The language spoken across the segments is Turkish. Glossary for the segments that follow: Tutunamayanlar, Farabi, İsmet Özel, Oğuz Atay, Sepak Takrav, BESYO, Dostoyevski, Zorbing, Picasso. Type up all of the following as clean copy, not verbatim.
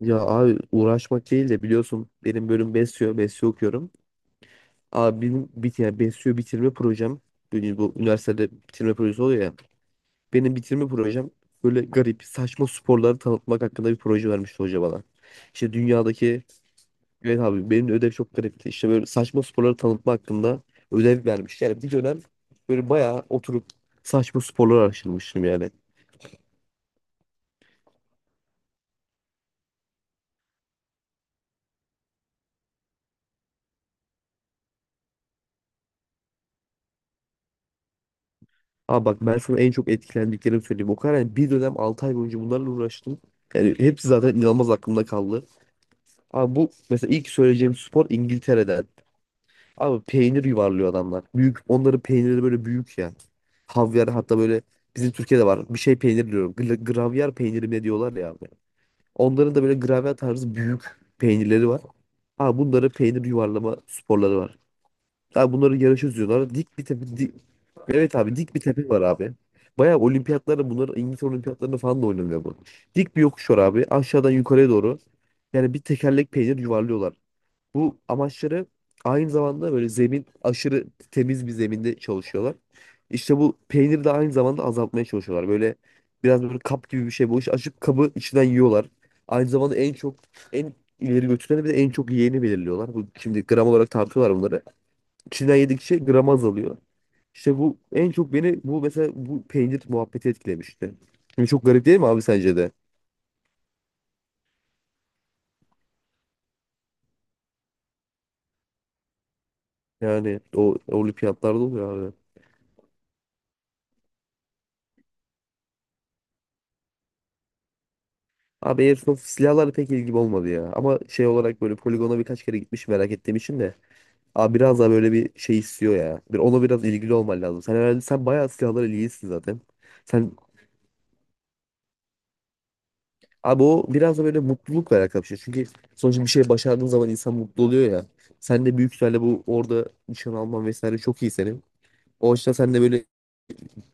Ya abi uğraşmak değil de biliyorsun benim bölüm BESYO okuyorum. Abi benim yani BESYO bitirme projem, yani bu üniversitede bitirme projesi oluyor ya. Benim bitirme projem böyle garip saçma sporları tanıtmak hakkında bir proje vermişti hoca bana. İşte dünyadaki, evet abi benim de ödev çok garipti. İşte böyle saçma sporları tanıtma hakkında ödev vermiş. Yani bir dönem böyle bayağı oturup saçma sporları araştırmıştım yani. Abi bak ben sana en çok etkilendiklerimi söyleyeyim. O kadar yani bir dönem 6 ay boyunca bunlarla uğraştım. Yani hepsi zaten inanılmaz aklımda kaldı. Abi bu mesela ilk söyleyeceğim spor İngiltere'den. Abi peynir yuvarlıyor adamlar. Büyük, onların peynirleri böyle büyük ya. Havyar hatta, böyle bizim Türkiye'de var. Bir şey peynir diyorum. Gravyer peyniri mi ne diyorlar ya abi. Onların da böyle gravyer tarzı büyük peynirleri var. Abi bunların peynir yuvarlama sporları var. Abi bunları yarışa düzüyorlar. Dik bir tepe, evet abi dik bir tepe var abi. Bayağı olimpiyatlarda, bunlar İngiltere olimpiyatlarında falan da oynanıyor bu. Dik bir yokuş var abi. Aşağıdan yukarıya doğru. Yani bir tekerlek peynir yuvarlıyorlar. Bu amaçları aynı zamanda böyle zemin, aşırı temiz bir zeminde çalışıyorlar. İşte bu peyniri de aynı zamanda azaltmaya çalışıyorlar. Böyle biraz böyle kap gibi bir şey bu. İşte açıp kabı içinden yiyorlar. Aynı zamanda en çok en ileri götüreni bir de en çok yiyeni belirliyorlar. Bu şimdi gram olarak tartıyorlar bunları. İçinden yedikçe gram azalıyor. İşte bu en çok beni, bu mesela bu peynir muhabbeti etkilemişti. Şimdi çok garip değil mi abi sence de? Yani o olimpiyatlarda oluyor abi. Abi Airsoft silahlarla pek ilgim olmadı ya. Ama şey olarak böyle poligona birkaç kere gitmiş merak ettiğim için de. Abi biraz daha böyle bir şey istiyor ya. Bir ona biraz ilgili olman lazım. Sen herhalde, sen bayağı silahlara ilgilisin zaten. Sen, abi o biraz da böyle mutlulukla alakalı bir şey. Çünkü sonuçta bir şey başardığın zaman insan mutlu oluyor ya. Sen de büyük ihtimalle bu, orada nişan alman vesaire çok iyi senin. O açıdan sen de böyle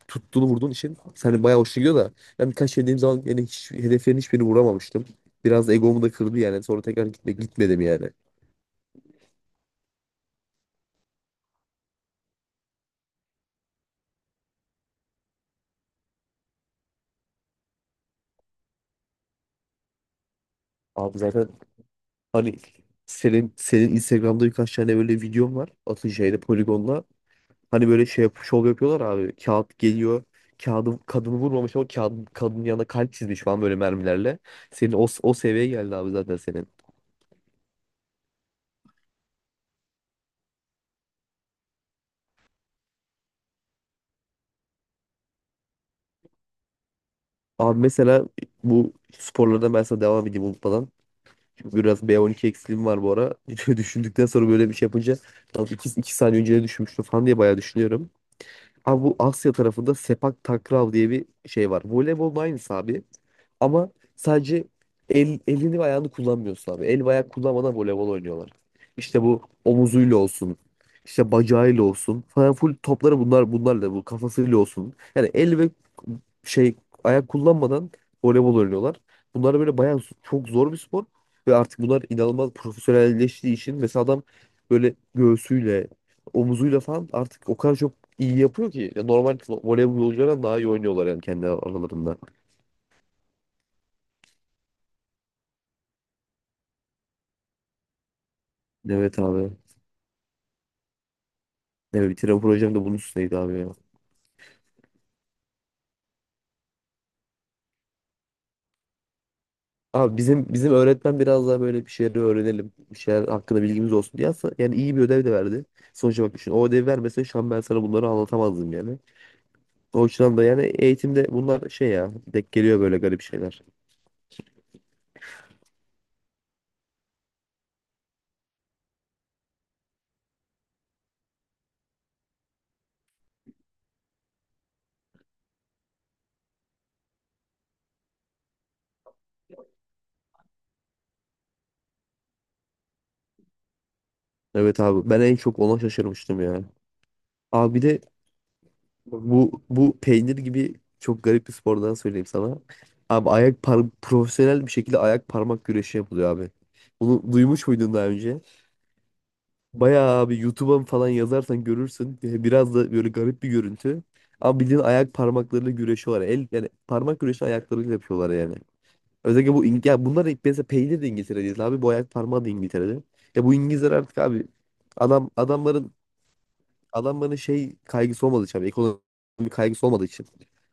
tuttuğunu vurduğun için sen de bayağı hoşuna gidiyor da. Ben birkaç şey dediğim zaman yani hiç, hedeflerin hiçbirini vuramamıştım. Biraz da egomu da kırdı yani. Sonra tekrar gitmedim yani. Abi zaten, hani senin Instagram'da birkaç tane böyle videom var. Atınca'yla, Poligon'la. Hani böyle şey yap, şov yapıyorlar abi. Kağıt geliyor. Kağıdın kadını vurmamış ama kağıdın kadının yanına kalp çizmiş falan böyle mermilerle. Senin o seviyeye geldi abi zaten senin. Abi mesela bu sporlardan ben sana devam edeyim unutmadan. Çünkü biraz B12 eksiliğim var bu ara. Düşündükten sonra böyle bir şey yapınca 2, iki iki saniye önce düşünmüştüm falan diye bayağı düşünüyorum. Abi bu Asya tarafında Sepak Takrav diye bir şey var. Voleybolun aynısı abi. Ama sadece elini ve ayağını kullanmıyorsun abi. El ve ayak kullanmadan voleybol oynuyorlar. İşte bu omuzuyla olsun, işte bacağıyla olsun. Falan full topları bunlar, bunlarla bu kafasıyla olsun. Yani el ve şey ayak kullanmadan voleybol oynuyorlar. Bunlar böyle bayağı çok zor bir spor. Ve artık bunlar inanılmaz profesyonelleştiği için mesela adam böyle göğsüyle omuzuyla falan artık o kadar çok iyi yapıyor ki. Ya normal voleybolculardan daha iyi oynuyorlar yani kendi aralarında. Evet abi. Evet, bitiren projem de bunun üstüneydi abi ya. Abi bizim öğretmen biraz daha böyle bir şeyleri öğrenelim, bir şeyler hakkında bilgimiz olsun diye aslında yani iyi bir ödev de verdi. Sonuçta bak düşün, o ödevi vermese şu an ben sana bunları anlatamazdım yani. O yüzden da yani eğitimde bunlar şey ya, denk geliyor böyle garip şeyler. Evet abi ben en çok ona şaşırmıştım ya. Abi bir de, bu peynir gibi çok garip bir spordan söyleyeyim sana. Abi ayak par profesyonel bir şekilde ayak parmak güreşi yapılıyor abi. Bunu duymuş muydun daha önce? Bayağı, abi YouTube'a falan yazarsan görürsün. Biraz da böyle garip bir görüntü. Ama bildiğin ayak parmaklarıyla güreşiyorlar. El, yani parmak güreşi ayaklarıyla yapıyorlar yani. Özellikle bu ya bunlar hep, mesela peynir de İngiltere'de abi, bu ayak parmağı da İngiltere'de. Ya bu İngilizler artık abi, adam adamların adamların şey kaygısı olmadığı için abi, ekonomik kaygısı olmadığı için.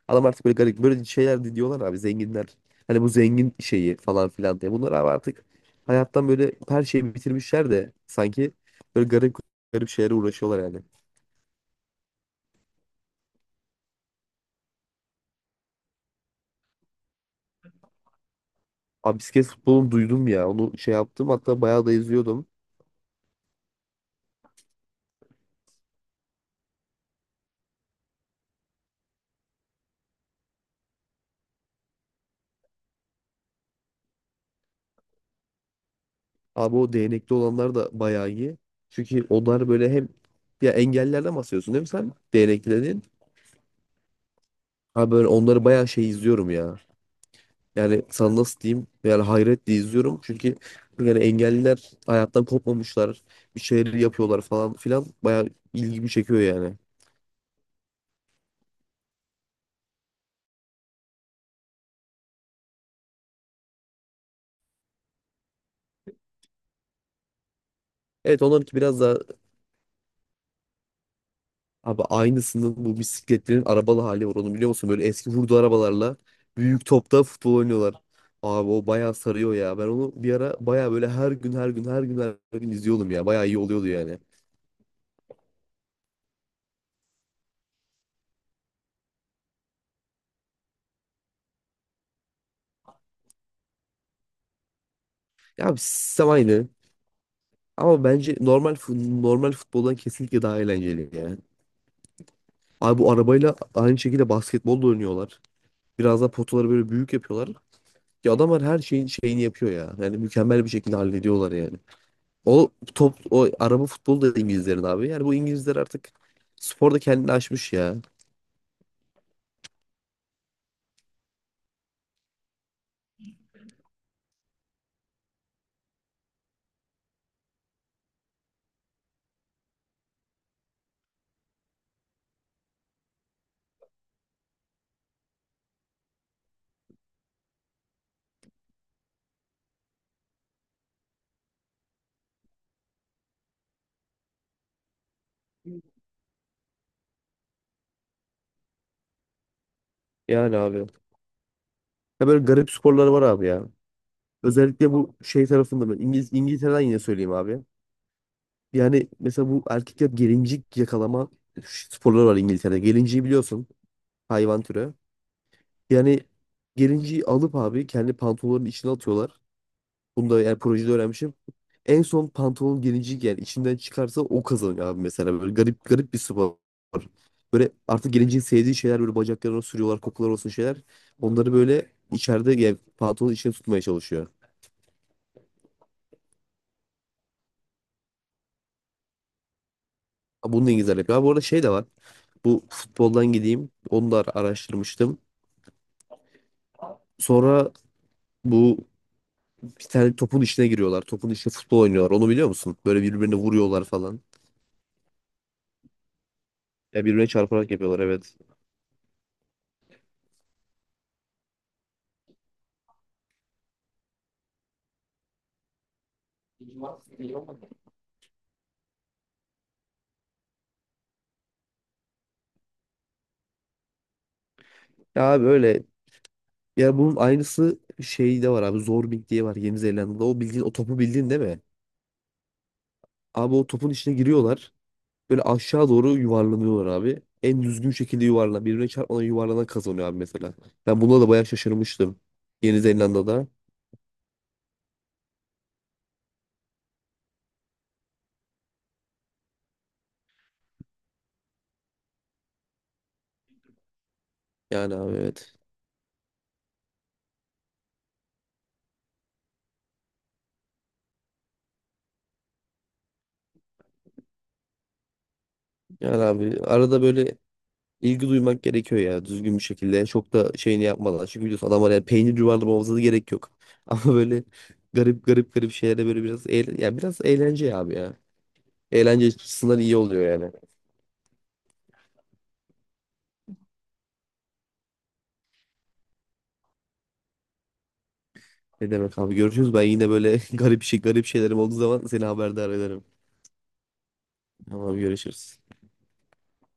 Adam artık böyle garip böyle şeyler, diyorlar abi, zenginler. Hani bu zengin şeyi falan filan diye. Bunlar abi artık hayattan böyle her şeyi bitirmişler de sanki, böyle garip garip şeylere uğraşıyorlar yani. Abi bisiklet futbolunu duydum ya. Onu şey yaptım hatta, bayağı da izliyordum. Abi o değnekli olanlar da bayağı iyi. Çünkü onlar böyle hem, ya engellerden bahsediyorsun değil mi sen? Değnekli dediğin. Abi böyle onları bayağı şey izliyorum ya, yani sana nasıl diyeyim, yani hayretle izliyorum. Çünkü yani engelliler hayattan kopmamışlar. Bir şeyleri yapıyorlar falan filan. Bayağı ilgimi çekiyor yani. Evet, onlarınki biraz daha, abi aynısının bu bisikletlerin arabalı hali var, onu biliyor musun? Böyle eski hurda arabalarla büyük topta futbol oynuyorlar. Abi o bayağı sarıyor ya. Ben onu bir ara bayağı böyle her gün her gün her gün her gün izliyordum ya. Bayağı iyi oluyordu yani. Ya sistem aynı. Ama bence normal normal futboldan kesinlikle daha eğlenceli ya. Abi bu arabayla aynı şekilde basketbol da oynuyorlar. Biraz daha potaları böyle büyük yapıyorlar. Ya adamlar her şeyin şeyini yapıyor ya. Yani mükemmel bir şekilde hallediyorlar yani. O top, o araba futbolu da İngilizlerin abi. Yani bu İngilizler artık sporda kendini aşmış ya. Yani abi. Ya böyle garip sporları var abi ya. Özellikle bu şey tarafında ben İngiltere'den yine söyleyeyim abi. Yani mesela bu erkekler gelincik yakalama sporları var İngiltere'de. Gelinciği biliyorsun, hayvan türü. Yani gelinciyi alıp abi kendi pantolonların içine atıyorlar. Bunu da yani projede öğrenmişim. En son pantolon gelinciyi yani içinden çıkarsa o kazanıyor abi mesela. Böyle garip garip bir spor. Böyle artık gelinciğin sevdiği şeyler böyle bacaklarına sürüyorlar, kokular olsun şeyler. Onları böyle içeride, yani pantolonun içine tutmaya çalışıyor. Ha, bunu da İngilizler yapıyor. Abi bu arada şey de var. Bu futboldan gideyim. Onu da araştırmıştım. Sonra bu, bir tane topun içine giriyorlar. Topun içine futbol oynuyorlar. Onu biliyor musun? Böyle birbirine vuruyorlar falan. Ya birbirine çarparak yapıyorlar evet. Ya abi öyle. Ya bunun aynısı şeyde var abi. Zorbing diye var Yeni Zelanda'da. O bildiğin o topu, bildiğin değil mi? Abi o topun içine giriyorlar. Böyle aşağı doğru yuvarlanıyorlar abi. En düzgün şekilde yuvarlan, birbirine çarpmadan yuvarlanan kazanıyor abi mesela. Ben buna da bayağı şaşırmıştım. Yeni Zelanda'da. Yani abi evet. Yani abi arada böyle İlgi duymak gerekiyor ya, düzgün bir şekilde. Çok da şeyini yapmadan. Çünkü biliyorsun adamlar, yani peynir yuvarlamamıza da gerek yok. Ama böyle garip garip garip şeylere böyle biraz eğlen ya, biraz eğlence ya abi ya. Eğlence açısından iyi oluyor yani. Ne demek abi, görüşürüz. Ben yine böyle garip garip şeylerim olduğu zaman seni haberdar ederim. Tamam görüşürüz.